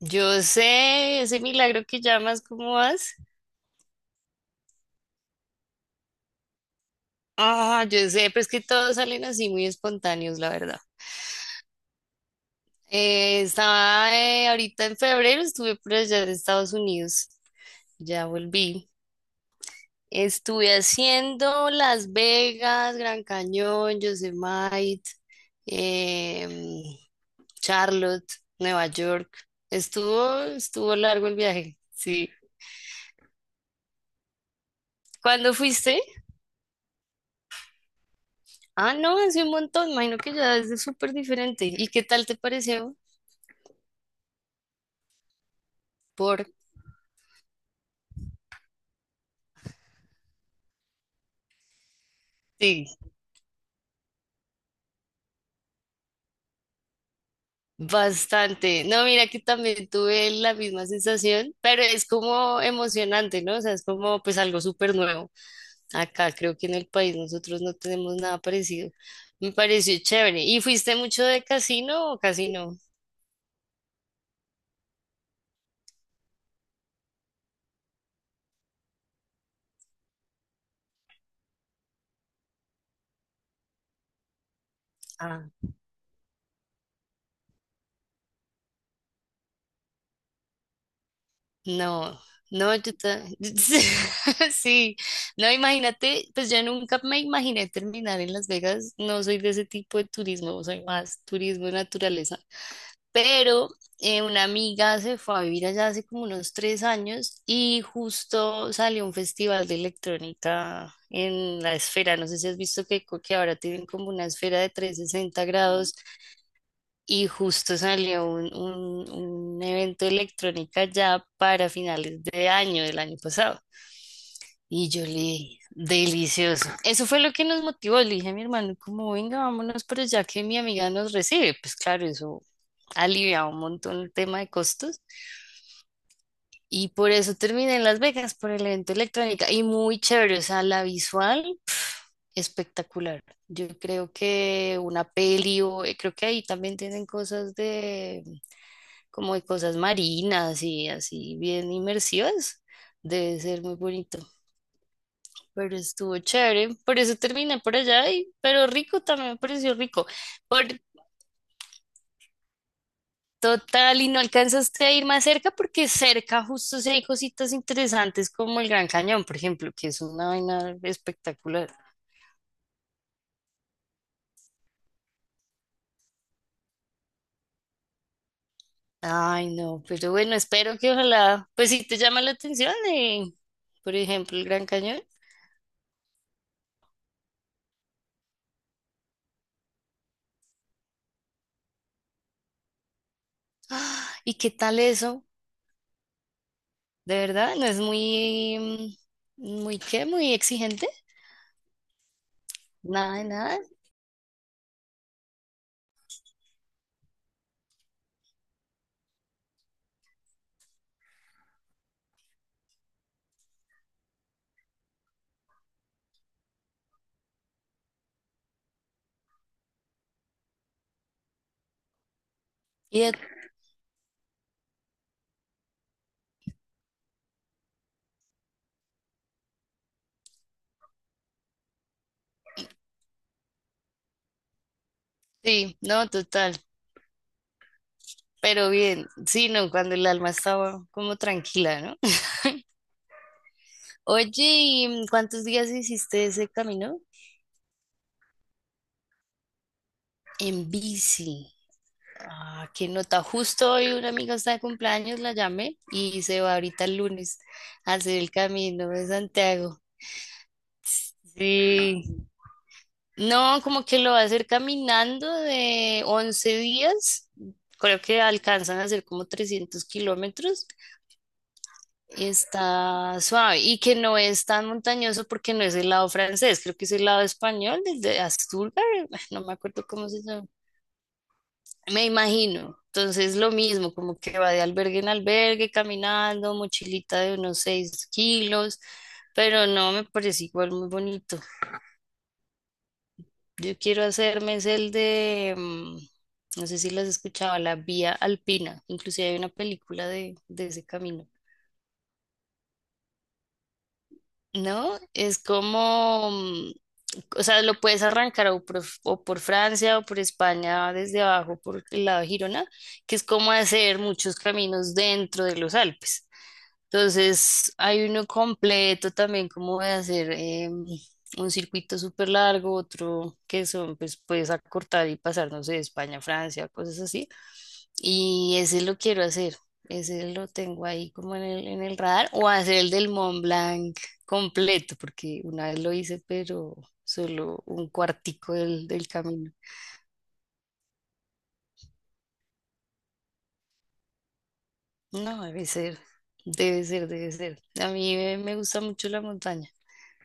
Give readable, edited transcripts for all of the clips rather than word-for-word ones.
Yo sé, ese milagro que llamas, ¿cómo vas? Ah, yo sé, pero es que todos salen así muy espontáneos, la verdad. Estaba ahorita en febrero, estuve por allá en Estados Unidos, ya volví. Estuve haciendo Las Vegas, Gran Cañón, Yosemite, em, Charlotte, Nueva York. Estuvo largo el viaje, sí. ¿Cuándo fuiste? Ah, no, hace un montón, imagino que ya es súper diferente. ¿Y qué tal te pareció? Por ti, bastante. No, mira que también tuve la misma sensación, pero es como emocionante, ¿no? O sea, es como pues algo súper nuevo. Acá creo que en el país nosotros no tenemos nada parecido. Me pareció chévere. ¿Y fuiste mucho de casino o casino? No, no, sí, no, imagínate, pues yo nunca me imaginé terminar en Las Vegas, no soy de ese tipo de turismo, soy más turismo de naturaleza, pero una amiga se fue a vivir allá hace como unos 3 años y justo salió un festival de electrónica en la esfera, no sé si has visto que ahora tienen como una esfera de 360 grados y justo salió un evento de electrónica ya para finales de año, del año pasado. Y yo le dije, delicioso. Eso fue lo que nos motivó. Le dije a mi hermano, como venga, vámonos, pero ya que mi amiga nos recibe, pues claro, eso aliviaba un montón el tema de costos. Y por eso terminé en Las Vegas, por el evento de electrónica. Y muy chévere, o sea, la visual espectacular. Yo creo que una peli, o creo que ahí también tienen cosas de como de cosas marinas y así bien inmersivas. Debe ser muy bonito, pero estuvo chévere. Por eso terminé por allá, y, pero rico también me pareció rico. Por total, y no alcanzaste a ir más cerca porque cerca justo sí hay cositas interesantes como el Gran Cañón, por ejemplo, que es una vaina espectacular. Ay, no, pero bueno, espero que ojalá, pues si te llama la atención, por ejemplo, el Gran Cañón. Ah, ¿y qué tal eso? ¿De verdad? ¿No es muy, mm, muy qué? ¿Muy exigente? Nada, de nada. Y de- sí, no, total. Pero bien, sí, no, cuando el alma estaba como tranquila, ¿no? Oye, ¿y mm, cuántos días hiciste ese camino? En bici. Ah, qué nota. Justo hoy una amiga está de cumpleaños, la llamé y se va ahorita el lunes a hacer el camino de Santiago. Sí. No, como que lo va a hacer caminando de 11 días. Creo que alcanzan a hacer como 300 kilómetros. Está suave y que no es tan montañoso porque no es el lado francés, creo que es el lado español, desde Asturgar, no me acuerdo cómo se llama. Me imagino. Entonces lo mismo, como que va de albergue en albergue, caminando, mochilita de unos 6 kilos, pero no, me parece igual muy bonito. Yo quiero hacerme es el de, mm, no sé si las escuchaba, la Vía Alpina. Inclusive hay una película de ese camino. ¿No? Es como, mm, o sea, lo puedes arrancar o o por Francia o por España desde abajo, por el lado de Girona, que es como hacer muchos caminos dentro de los Alpes. Entonces, hay uno completo también, como de hacer un circuito súper largo, otro que son, pues puedes acortar y pasar, no sé, de España a Francia, cosas así. Y ese lo quiero hacer, ese lo tengo ahí como en el radar, o hacer el del Mont Blanc completo, porque una vez lo hice, pero solo un cuartico del camino. No, debe ser, debe ser, debe ser. A mí me gusta mucho la montaña,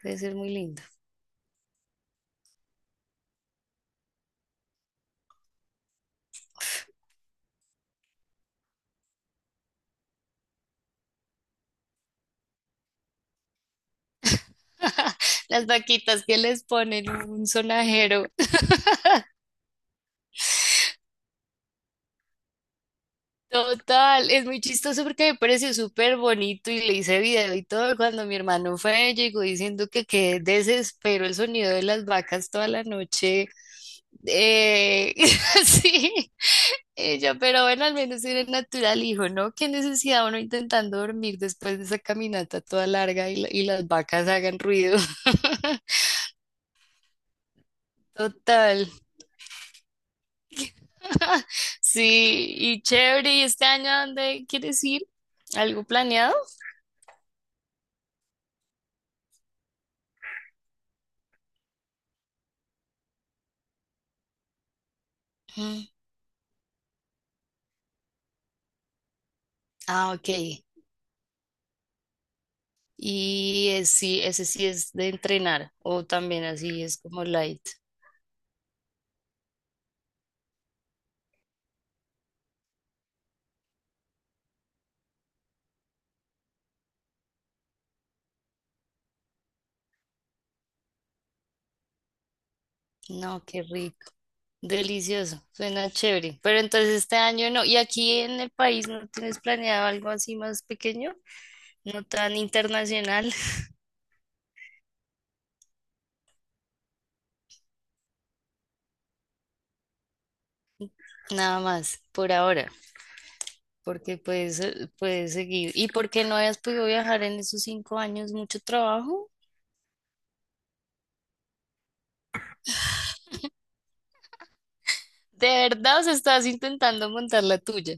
debe ser muy lindo. Las vaquitas que les ponen un sonajero. Total, es muy chistoso porque me pareció súper bonito y le hice video y todo. Cuando mi hermano fue, llegó diciendo que qué desespero el sonido de las vacas toda la noche. Eh, sí, ella, pero bueno, al menos era natural, hijo, ¿no? Qué necesidad uno intentando dormir después de esa caminata toda larga y las vacas hagan ruido. Total. Sí, y chévere, ¿y este año a dónde quieres ir? ¿Algo planeado? Mm, ah, ok. Y sí, ese sí es de entrenar, o también así es como light. No, qué rico, delicioso, suena chévere. Pero entonces este año no, ¿y aquí en el país no tienes planeado algo así más pequeño? No tan internacional, nada más, por ahora, porque puedes, puedes seguir. ¿Y por qué no hayas podido viajar en esos 5 años? ¿Mucho trabajo? ¿De verdad o estás intentando montar la tuya?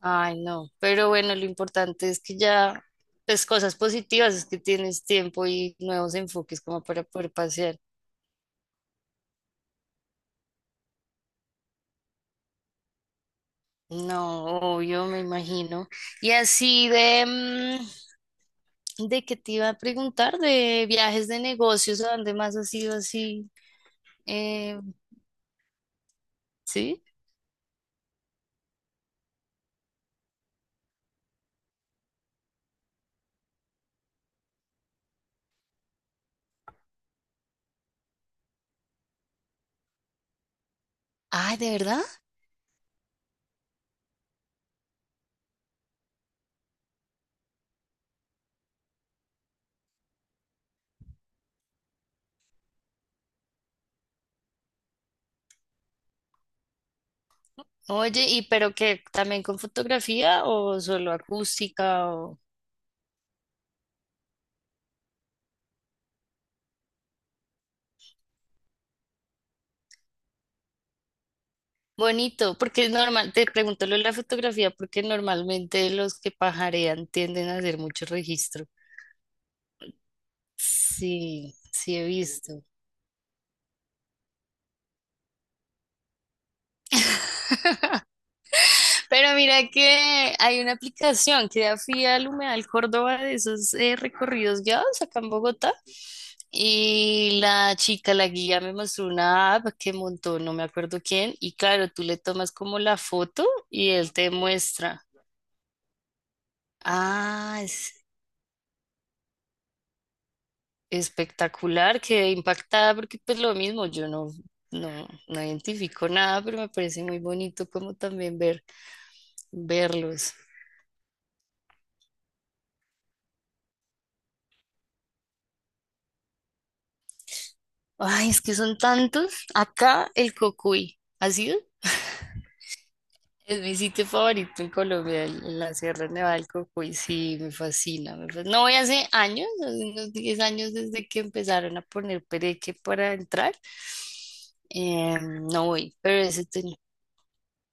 Ay, no, pero bueno, lo importante es que ya, pues cosas positivas, es que tienes tiempo y nuevos enfoques como para poder pasear. No, obvio, me imagino. Y así de, mm, de qué te iba a preguntar, de viajes de negocios, ¿a dónde más has ido así? Eh, ¿Sí? Ay, ¿de verdad? Oye, ¿y pero qué, también con fotografía o solo acústica? Bonito, porque es normal, te pregunto lo de la fotografía, porque normalmente los que pajarean tienden a hacer mucho registro. Sí, sí he visto. Pero mira que hay una aplicación que da fui al Humedal Córdoba de esos recorridos guiados acá en Bogotá. Y la chica, la guía, me mostró una app que montó, no me acuerdo quién. Y claro, tú le tomas como la foto y él te muestra. Ah, espectacular, quedé impactada porque pues lo mismo, yo no, no, no identifico nada, pero me parece muy bonito como también ver, verlos. Ay, es que son tantos. Acá el Cocuy, ¿ha sido? Es mi sitio favorito en Colombia, el- en la Sierra Nevada del Cocuy. Sí, me fascina, me fascina. No voy hace años, hace unos 10 años desde que empezaron a poner pereque para entrar. No voy, pero ese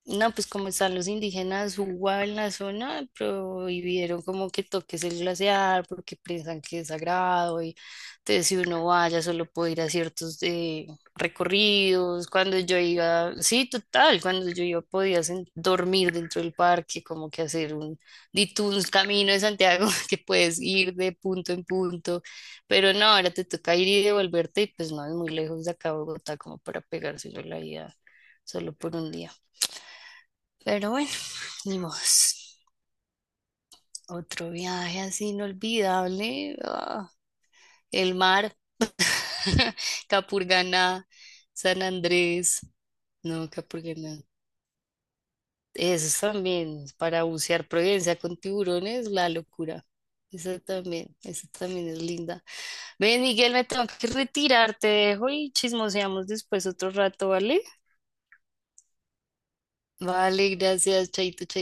no, pues como están los indígenas Uwa en la zona, prohibieron como que toques el glaciar porque piensan que es sagrado y entonces si uno vaya solo puede ir a ciertos recorridos. Cuando yo iba, sí, total, cuando yo iba podía dormir dentro del parque, como que hacer un, di tú un camino de Santiago que puedes ir de punto en punto, pero no, ahora te toca ir y devolverte y pues no es muy lejos de acá a Bogotá como para pegárselo la ida solo por un día. Pero bueno. Y otro viaje así inolvidable. Ah, el mar, Capurganá, San Andrés. No, Capurganá. Eso también, para bucear Providencia con tiburones, la locura. Eso también es linda. Ven, Miguel, me tengo que retirar, te dejo y chismoseamos después otro rato, ¿vale? Vale, gracias, chaito, chaito.